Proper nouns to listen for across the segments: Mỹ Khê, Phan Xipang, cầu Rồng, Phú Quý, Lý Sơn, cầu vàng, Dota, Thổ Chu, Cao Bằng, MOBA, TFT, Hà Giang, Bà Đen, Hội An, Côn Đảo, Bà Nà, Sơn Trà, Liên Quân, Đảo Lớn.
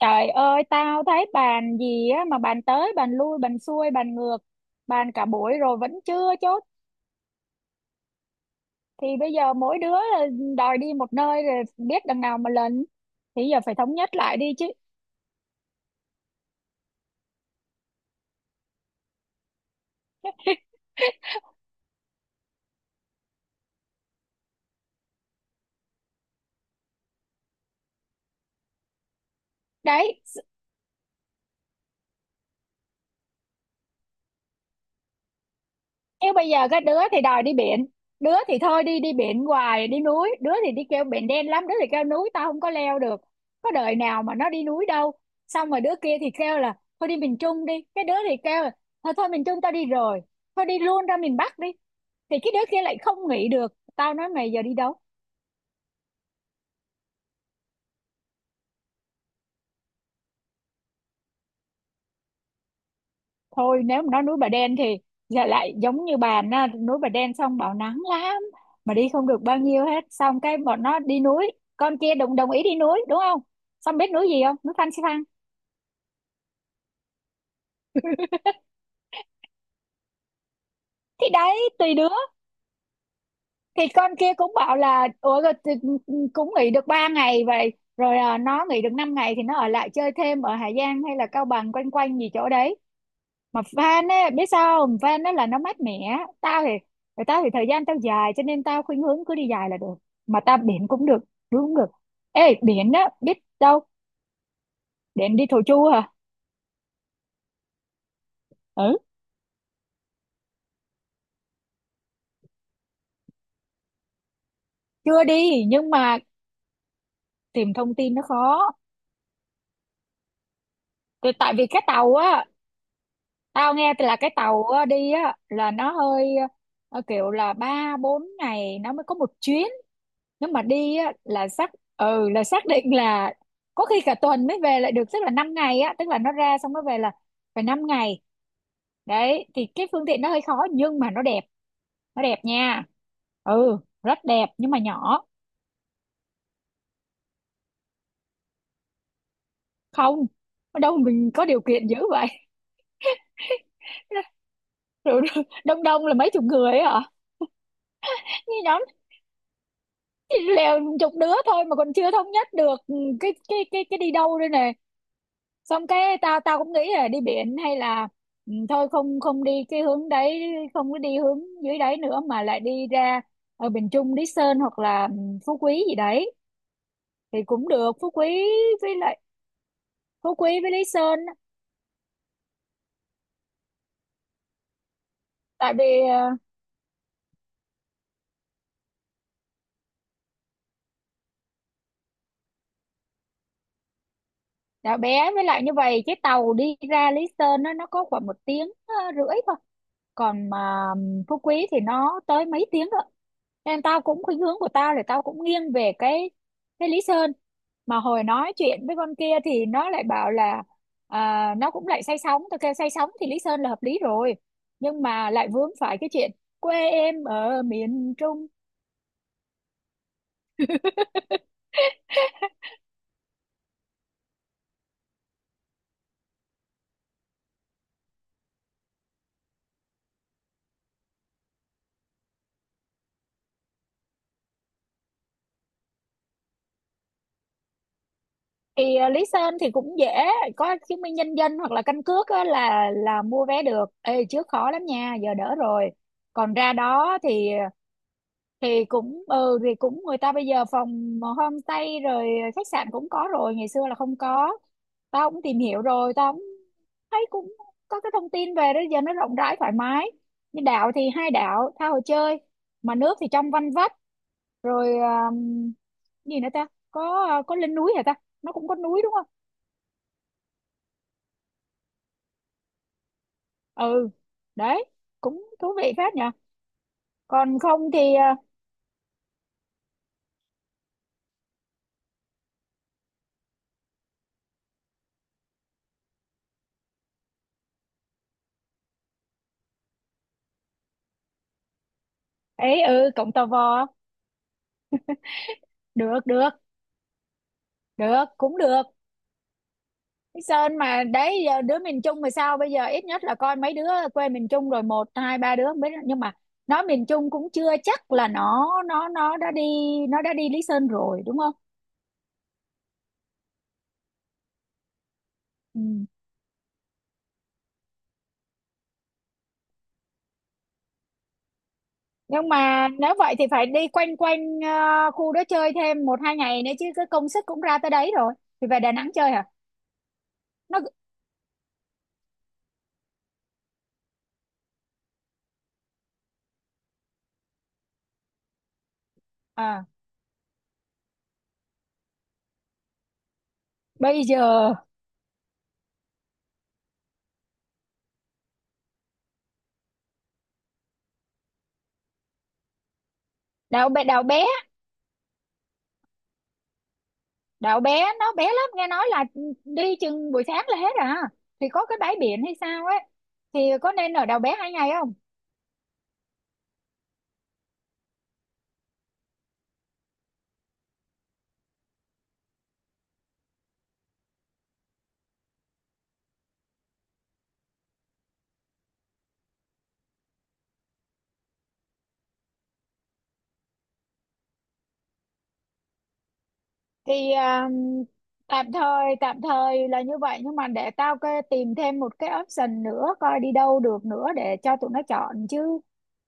Trời ơi, tao thấy bàn gì á mà bàn tới, bàn lui, bàn xuôi, bàn ngược, bàn cả buổi rồi vẫn chưa chốt. Thì bây giờ mỗi đứa đòi đi một nơi rồi biết đằng nào mà lần. Thì giờ phải thống nhất lại đi chứ. Đấy, nếu bây giờ cái đứa thì đòi đi biển, đứa thì thôi đi đi biển hoài đi núi, đứa thì đi kêu biển đen lắm, đứa thì kêu núi tao không có leo được, có đời nào mà nó đi núi đâu. Xong rồi đứa kia thì kêu là thôi đi miền Trung đi, cái đứa thì kêu là thôi thôi miền Trung tao đi rồi, thôi đi luôn ra miền Bắc đi, thì cái đứa kia lại không nghĩ được, tao nói mày giờ đi đâu? Thôi nếu mà nói núi Bà Đen thì giờ lại giống như bà na núi Bà Đen xong bảo nắng lắm mà đi không được bao nhiêu hết, xong cái bọn nó đi núi, con kia đồng đồng ý đi núi đúng không? Xong biết núi gì không? Núi Phan Xipang. Thì đấy tùy đứa, thì con kia cũng bảo là ủa rồi thì cũng nghỉ được 3 ngày vậy rồi, nó nghỉ được 5 ngày thì nó ở lại chơi thêm ở Hà Giang hay là Cao Bằng quanh quanh gì chỗ đấy, mà van á biết sao không, van á là nó mát mẻ tao thì, rồi tao thì thời gian tao dài cho nên tao khuynh hướng cứ đi dài là được, mà tao biển cũng được, đuối cũng được. Ê, biển á biết đâu biển đi Thổ Chu hả? Ừ, chưa đi nhưng mà tìm thông tin nó khó. Tại tại vì cái tàu á, tao nghe là cái tàu á, đi á là nó hơi, kiểu là ba bốn ngày nó mới có một chuyến, nếu mà đi á là xác, ừ là xác định là có khi cả tuần mới về lại được, tức là 5 ngày á, tức là nó ra xong nó về là phải 5 ngày. Đấy thì cái phương tiện nó hơi khó nhưng mà nó đẹp, nó đẹp nha, ừ rất đẹp nhưng mà nhỏ. Không, ở đâu mình có điều kiện dữ vậy. Rồi, đông đông là mấy chục người ấy hả? Như nhóm chỉ lèo chục đứa thôi mà còn chưa thống nhất được, ừ, cái đi đâu đây nè, xong cái tao tao cũng nghĩ là đi biển hay là, ừ, thôi không không đi cái hướng đấy, không có đi hướng dưới đấy nữa mà lại đi ra ở miền Trung Lý Sơn hoặc là, Phú Quý gì đấy thì cũng được, Phú Quý với lại Phú Quý với Lý Sơn á. Tại vì đã bé với lại như vậy, cái tàu đi ra Lý Sơn nó có khoảng 1 tiếng rưỡi thôi, còn mà Phú Quý thì nó tới mấy tiếng đó, nên tao cũng khuynh hướng của tao là tao cũng nghiêng về cái Lý Sơn, mà hồi nói chuyện với con kia thì nó lại bảo là, nó cũng lại say sóng, tao kêu say sóng thì Lý Sơn là hợp lý rồi, nhưng mà lại vướng phải cái chuyện quê em ở miền Trung. Thì lý sơn thì cũng dễ, có chứng minh nhân dân hoặc là căn cước á, là mua vé được. Ê, trước khó lắm nha, giờ đỡ rồi. Còn ra đó thì cũng, ừ thì cũng, người ta bây giờ phòng homestay rồi, khách sạn cũng có rồi, ngày xưa là không có. Tao cũng tìm hiểu rồi, tao cũng thấy cũng có cái thông tin về đó, giờ nó rộng rãi thoải mái, như đảo thì hai đảo tha hồ chơi, mà nước thì trong vanh vách, rồi gì nữa ta, có lên núi hả ta? Nó cũng có núi đúng không? Ừ đấy, cũng thú vị phết nhỉ, còn không thì ấy ừ cộng tò vò. Được được, được cũng được. Cái Sơn mà đấy, giờ đứa miền Trung mà sao bây giờ ít nhất là coi mấy đứa quê miền Trung rồi, một hai ba đứa không biết, nhưng mà nó miền Trung cũng chưa chắc là nó đã đi, nó đã đi Lý Sơn rồi đúng không? Ừ. Nhưng mà nếu vậy thì phải đi quanh quanh khu đó chơi thêm một hai ngày nữa chứ, cái công sức cũng ra tới đấy rồi, thì về Đà Nẵng chơi hả? Nó à, bây giờ đậu bé đậu bé nó bé lắm, nghe nói là đi chừng buổi sáng là hết à, thì có cái bãi biển hay sao ấy, thì có nên ở đậu bé 2 ngày không? Thì tạm thời là như vậy nhưng mà để tao cái tìm thêm một cái option nữa coi đi đâu được nữa để cho tụi nó chọn chứ,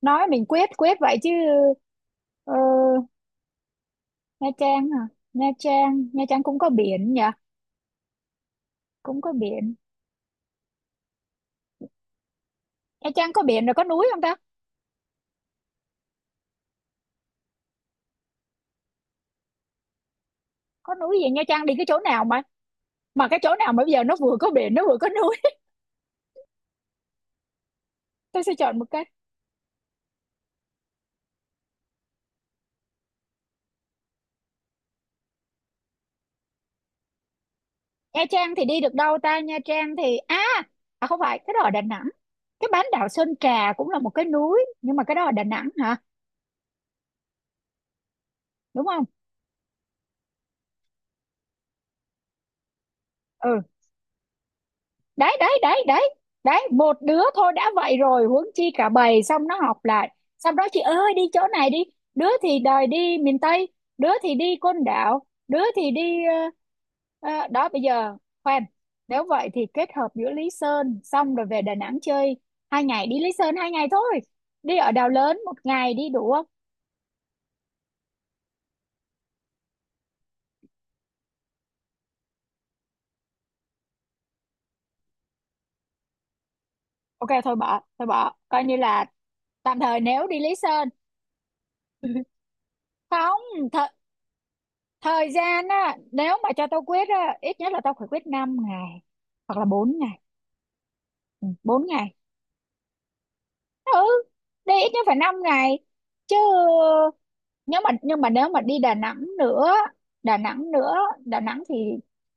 nói mình quyết quyết vậy chứ. ờ, Nha Trang à? Nha Trang Nha Trang cũng có biển nhỉ, cũng có biển. Nha Trang có biển rồi có núi không ta? Có núi gì Nha Trang? Đi cái chỗ nào mà cái chỗ nào mà bây giờ nó vừa có biển nó vừa có núi? Tôi sẽ chọn một cái. Nha Trang thì đi được đâu ta? Nha Trang thì không phải, cái đó ở Đà Nẵng, cái bán đảo Sơn Trà cũng là một cái núi nhưng mà cái đó ở Đà Nẵng hả? Đúng không? Ừ đấy đấy đấy đấy đấy, một đứa thôi đã vậy rồi huống chi cả bầy, xong nó học lại xong đó chị ơi đi chỗ này đi, đứa thì đòi đi miền Tây, đứa thì đi Côn Đảo, đứa thì đi, ờ, đó bây giờ, khoan, nếu vậy thì kết hợp giữa Lý Sơn xong rồi về Đà Nẵng chơi, hai ngày đi Lý Sơn, 2 ngày thôi, đi ở Đảo Lớn 1 ngày đi đủ không? Ok thôi bỏ coi như là tạm thời nếu đi Lý Sơn. Không, th thời gian á nếu mà cho tao quyết á ít nhất là tao phải quyết 5 ngày hoặc là 4 ngày, 4 ngày, ừ, đi ít nhất phải 5 ngày chứ, nhưng mà nếu mà đi Đà Nẵng nữa, Đà Nẵng nữa, Đà Nẵng thì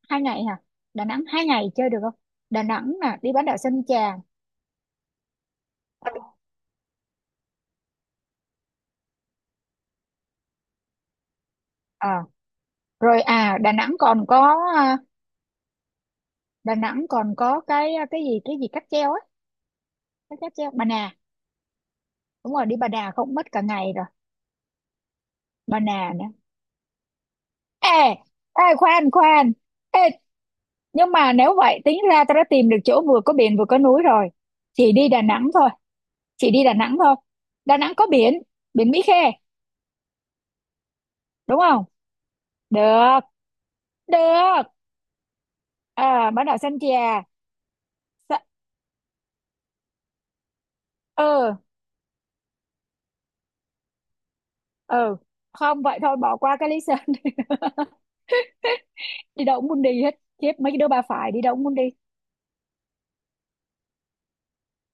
2 ngày hả? Đà Nẵng 2 ngày chơi được không? Đà Nẵng nè đi bán đảo Sơn Trà. à, Rồi, Đà Nẵng còn có, Đà Nẵng còn có cái gì cáp treo á, cái cáp treo Bà Nà, đúng rồi, đi Bà Nà không mất cả ngày rồi, Bà Nà nữa. Ê ê, khoan khoan, ê, nhưng mà nếu vậy tính ra tao đã tìm được chỗ vừa có biển vừa có núi rồi, chỉ đi Đà Nẵng thôi, chỉ đi Đà Nẵng thôi, Đà Nẵng có biển, biển Mỹ Khê đúng không? Được được, à, bán đảo Sơn Trà. Sa- ừ ừ, không vậy thôi bỏ qua cái lý sơn. Đi đâu cũng muốn đi hết khiếp, mấy cái đứa ba phải, đi đâu cũng muốn đi.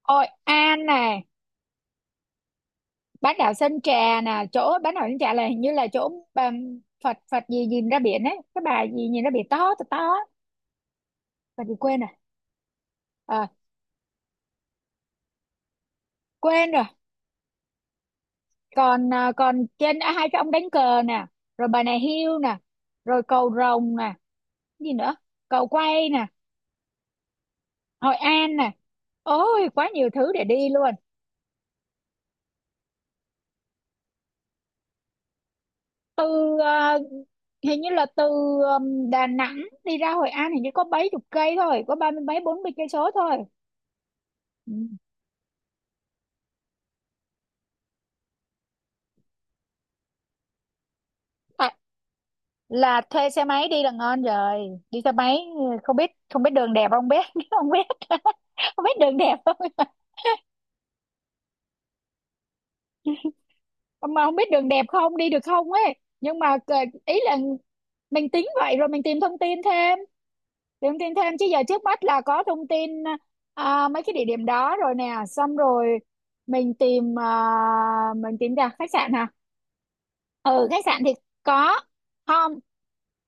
Hội An nè, bán đảo Sơn Trà nè, chỗ bán đảo Sơn Trà là hình như là chỗ Phật Phật gì nhìn ra biển ấy, cái bà gì nhìn ra biển to to to á. Phật gì quên rồi. Ờ, quên rồi. Còn còn trên hai cái ông đánh cờ nè, rồi bà này hiêu nè, rồi cầu rồng nè, gì nữa, cầu quay nè, Hội An nè, ôi quá nhiều thứ để đi luôn. Từ ờ, hình như là từ Đà Nẵng đi ra Hội An hình như có mấy chục cây thôi, có ba mươi mấy bốn mươi cây số thôi. Ừ. Tại là thuê xe máy đi là ngon rồi, đi xe máy, không biết, không biết đường đẹp không biết, không biết, không biết đường đẹp không, mà không biết đường đẹp không đi được không ấy, nhưng mà ý là mình tính vậy rồi mình tìm thông tin thêm, tìm thông tin thêm chứ giờ trước mắt là có thông tin mấy cái địa điểm đó rồi nè, xong rồi mình tìm, mình tìm ra khách sạn hả? Ừ khách sạn thì có,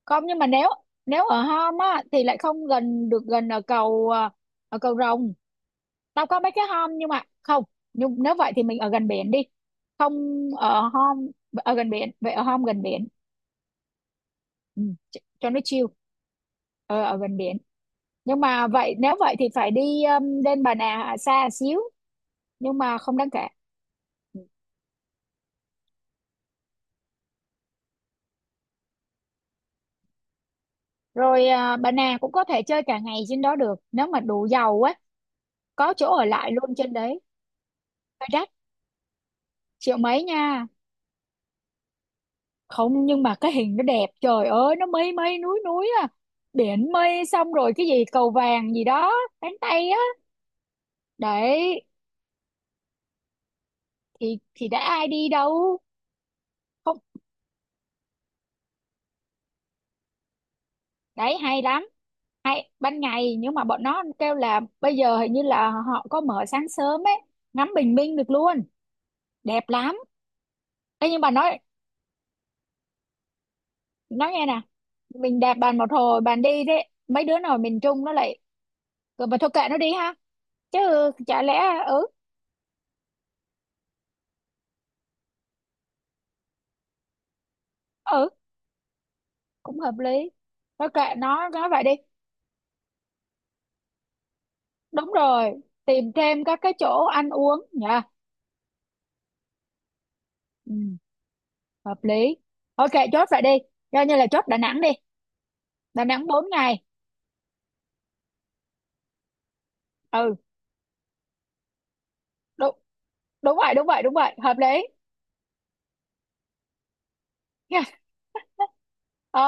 không, nhưng mà nếu nếu ở Hom á thì lại không gần được, gần ở cầu ở cầu Rồng, tao có mấy cái Hom nhưng mà không, nhưng nếu vậy thì mình ở gần biển đi, không, ở Hom, ở gần biển vậy ở Hom gần biển, ừ, cho nó chill, ờ, ở gần biển, nhưng mà vậy nếu vậy thì phải đi lên Bà Nà xa xíu, nhưng mà không đáng kể. Rồi Bà Nà cũng có thể chơi cả ngày trên đó được nếu mà đủ giàu á, có chỗ ở lại luôn trên đấy, hơi đắt, triệu mấy nha, không nhưng mà cái hình nó đẹp, trời ơi nó mây mây núi núi à, biển mây, xong rồi cái gì cầu vàng gì đó, cánh tay á, đấy thì đã ai đi đâu, không đấy hay lắm, hay ban ngày nhưng mà bọn nó kêu là bây giờ hình như là họ có mở sáng sớm ấy, ngắm bình minh được luôn, đẹp lắm. Ê, nhưng mà nói nghe nè, mình đạp bàn một hồi bàn đi, đấy mấy đứa nào miền Trung nó lại "Ờ, mà thôi kệ nó đi ha, chứ chả lẽ, ừ ừ cũng hợp lý, thôi kệ nó nói vậy đi, đúng rồi tìm thêm các cái chỗ ăn uống nha, ừ, hợp lý. Ok, chốt vậy đi, coi như là chốt Đà Nẵng đi, Đà Nẵng 4 ngày, ừ đúng, đúng vậy đúng vậy đúng vậy hợp lý. Ờ,